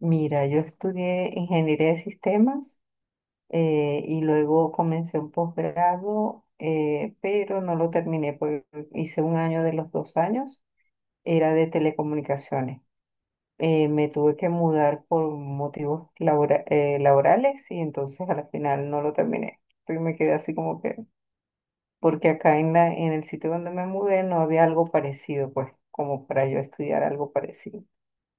Mira, yo estudié ingeniería de sistemas, y luego comencé un posgrado, pero no lo terminé porque hice un año de los dos años, era de telecomunicaciones. Me tuve que mudar por motivos laborales y entonces al final no lo terminé. Y me quedé así como que, porque acá en en el sitio donde me mudé no había algo parecido, pues, como para yo estudiar algo parecido.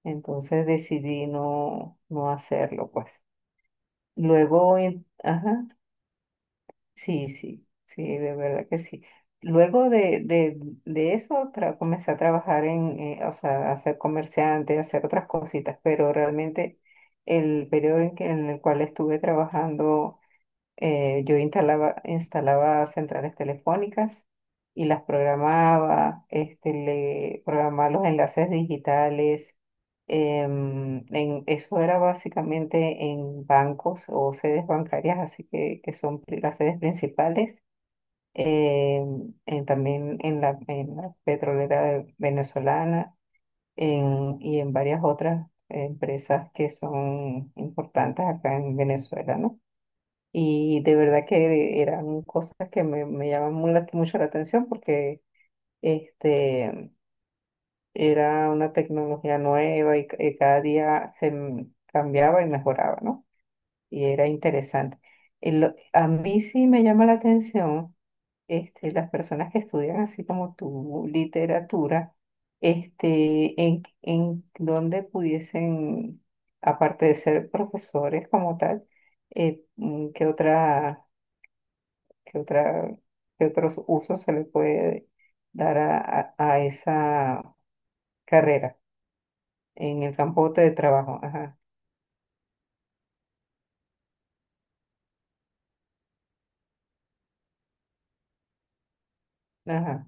Entonces decidí no, no hacerlo, pues. Luego, ajá, sí, sí, sí, de verdad que sí. Luego de eso, comencé a trabajar o sea, a ser comerciante, a hacer otras cositas, pero realmente el periodo en el cual estuve trabajando, yo instalaba centrales telefónicas y las programaba, le programaba los enlaces digitales. Eso era básicamente en bancos o sedes bancarias, así que son las sedes principales. También en en la petrolera venezolana y en varias otras empresas que son importantes acá en Venezuela, ¿no? Y de verdad que eran cosas que me llaman mucho la atención porque este, era una tecnología nueva y cada día cambiaba y mejoraba, ¿no? Y era interesante. Y a mí sí me llama la atención, las personas que estudian así como tu literatura, en, donde pudiesen, aparte de ser profesores como tal, ¿qué otra? ¿Qué otra, qué otros usos se le puede dar a esa carrera en el campo de trabajo? Ajá, ajá.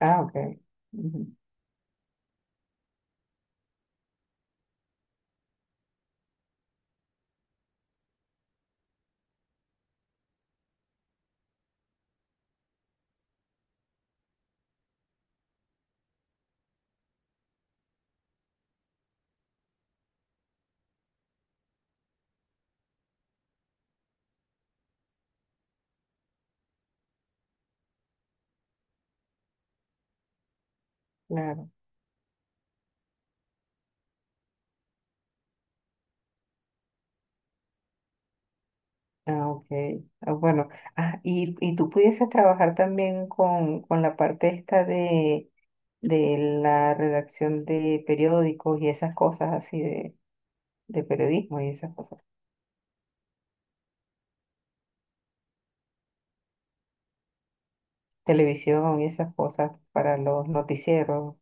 Ah, ok. Ujú. Claro. Ah, ok. Ah, bueno, ah, y tú pudieses trabajar también con la parte esta de la redacción de periódicos y esas cosas así de periodismo y esas cosas, televisión y esas cosas para los noticieros.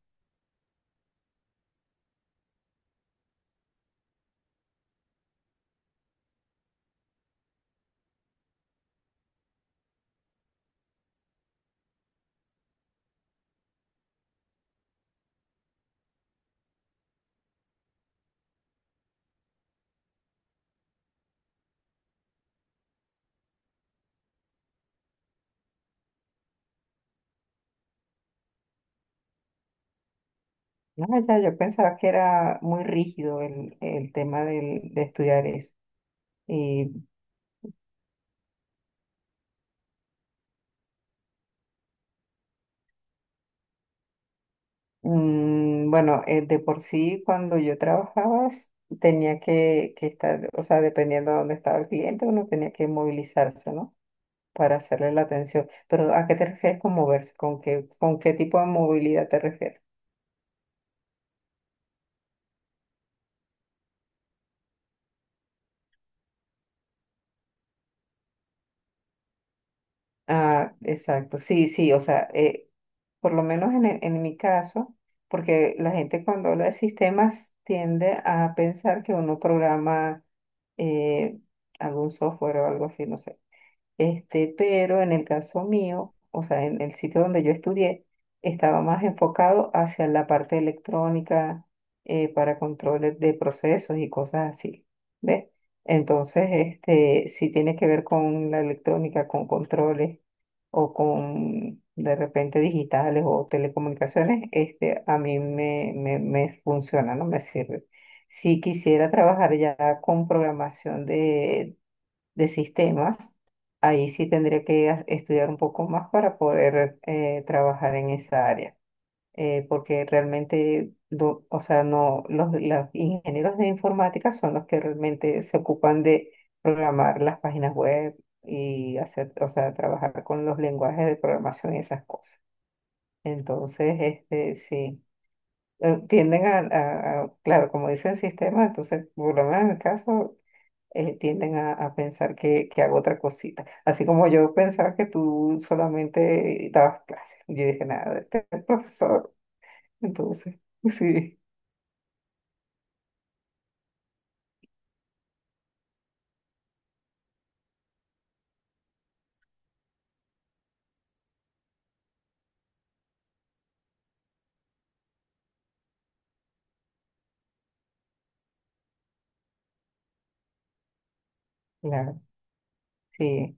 No, ya yo pensaba que era muy rígido el tema de estudiar eso. Y bueno, de por sí cuando yo trabajaba tenía que estar, o sea, dependiendo de dónde estaba el cliente, uno tenía que movilizarse, ¿no? Para hacerle la atención. Pero ¿a qué te refieres con moverse? ¿Con qué tipo de movilidad te refieres? Ah, exacto, sí, sí, o sea, por lo menos en mi caso, porque la gente cuando habla de sistemas tiende a pensar que uno programa, eh, algún software o algo así, no sé. Pero en el caso mío, o sea, en el sitio donde yo estudié, estaba más enfocado hacia la parte electrónica, para controles de procesos y cosas así, ¿ves? Entonces, si tiene que ver con la electrónica, con controles o con de repente digitales o telecomunicaciones, a mí me funciona, no me sirve. Si quisiera trabajar ya con programación de sistemas, ahí sí tendría que estudiar un poco más para poder, trabajar en esa área, porque realmente, o sea, no, los ingenieros de informática son los que realmente se ocupan de programar las páginas web y hacer, o sea, trabajar con los lenguajes de programación y esas cosas. Entonces, sí, tienden a claro, como dicen sistemas, entonces, por lo menos en el caso, tienden a pensar que hago otra cosita. Así como yo pensaba que tú solamente dabas clases. Yo dije, nada, este es profesor. Entonces, sí, claro, sí.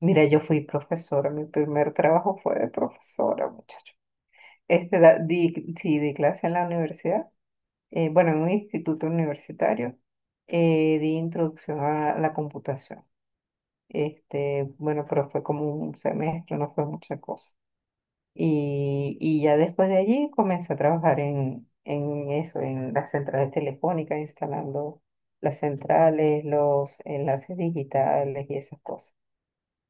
Mira, yo fui profesora. Mi primer trabajo fue de profesora, muchacho. Di, sí, di clase en la universidad, bueno, en un instituto universitario, di introducción a la computación. Bueno, pero fue como un semestre, no fue mucha cosa. Y ya después de allí comencé a trabajar en eso, en las centrales telefónicas, instalando las centrales, los enlaces digitales y esas cosas.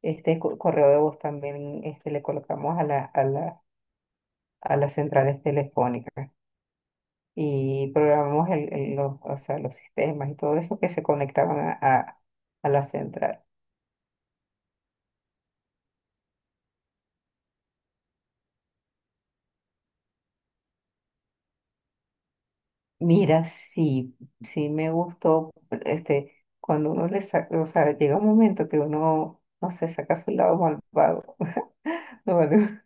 Correo de voz también, le colocamos a a las centrales telefónicas y programamos o sea, los sistemas y todo eso que se conectaban a la central. Mira, sí, sí me gustó, este, cuando uno le saca, o sea, llega un momento que uno, no sé, saca su lado malvado. No, vale.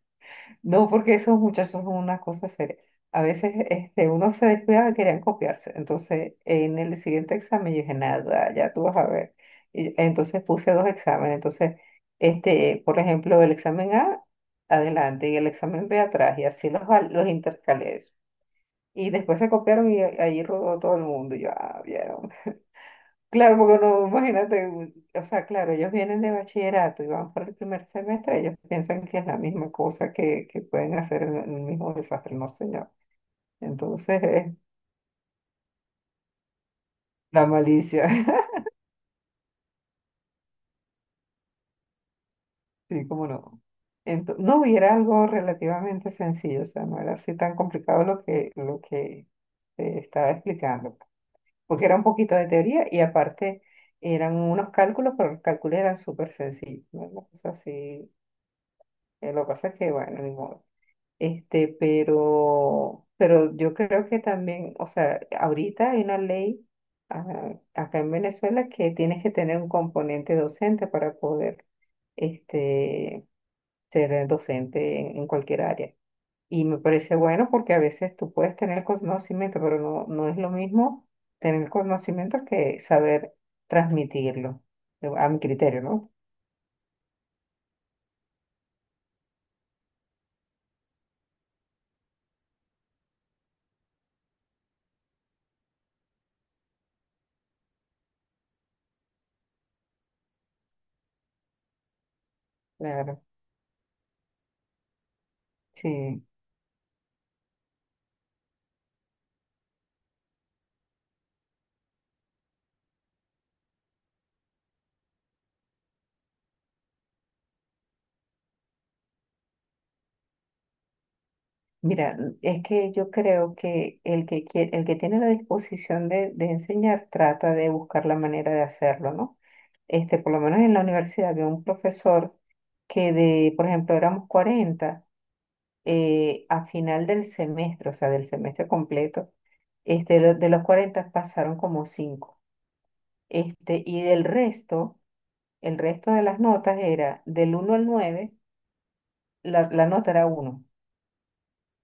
No, porque esos muchachos son una cosa seria. A veces, uno se descuidaba y querían copiarse. Entonces, en el siguiente examen yo dije, nada, ya tú vas a ver. Y entonces puse dos exámenes. Entonces, por ejemplo, el examen A, adelante, y el examen B atrás, y así los intercalé. Y después se copiaron y ahí rodó todo el mundo. Y yo, ah, vieron. Claro, porque no, imagínate, o sea, claro, ellos vienen de bachillerato y van para el primer semestre, ellos piensan que es la misma cosa que pueden hacer en el mismo desastre, no señor. Entonces, la malicia, sí, cómo no. No, y era algo relativamente sencillo, o sea, no era así tan complicado lo que te estaba explicando. Porque era un poquito de teoría y aparte eran unos cálculos, pero los cálculos eran súper sencillos, ¿no? Una cosa así, lo que pasa es que, bueno, ni modo. Pero, yo creo que también, o sea, ahorita hay una ley, acá en Venezuela, que tienes que tener un componente docente para poder, este, ser docente en cualquier área. Y me parece bueno porque a veces tú puedes tener conocimiento, pero no, no es lo mismo tener conocimiento que saber transmitirlo, a mi criterio, ¿no? Claro, sí. Mira, es que yo creo que el que tiene la disposición de enseñar trata de buscar la manera de hacerlo, ¿no? Por lo menos en la universidad había un profesor que de, por ejemplo, éramos 40, a final del semestre, o sea, del semestre completo, de los 40 pasaron como cinco. Y del resto, el resto de las notas era del 1 al 9, la nota era uno.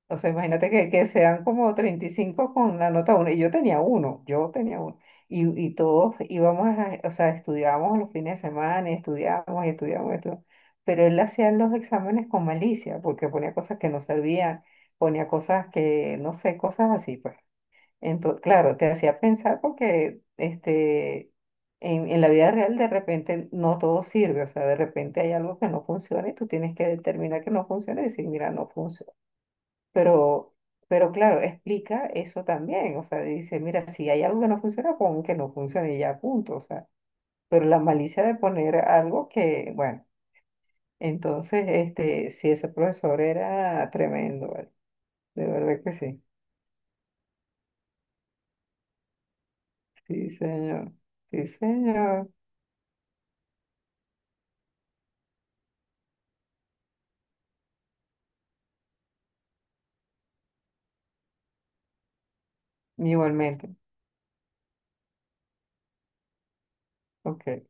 O sea, imagínate que sean como 35 con la nota uno. Y yo tenía uno, yo tenía uno. Y todos íbamos, o sea, estudiábamos los fines de semana y estudiábamos y estudiábamos y estudiábamos. Pero él hacía los exámenes con malicia, porque ponía cosas que no servían, ponía cosas que, no sé, cosas así, pues. Entonces, claro, te hacía pensar porque, en la vida real de repente no todo sirve, o sea, de repente hay algo que no funciona y tú tienes que determinar que no funciona y decir, mira, no funciona, pero, pero claro, explica eso también. O sea, dice, mira, si hay algo que no funciona, pon que no funcione y ya, punto. O sea, pero la malicia de poner algo que, bueno, entonces, si ese profesor era tremendo, ¿vale? De verdad que sí. Sí, señor. Sí, señor. Igualmente. Ok.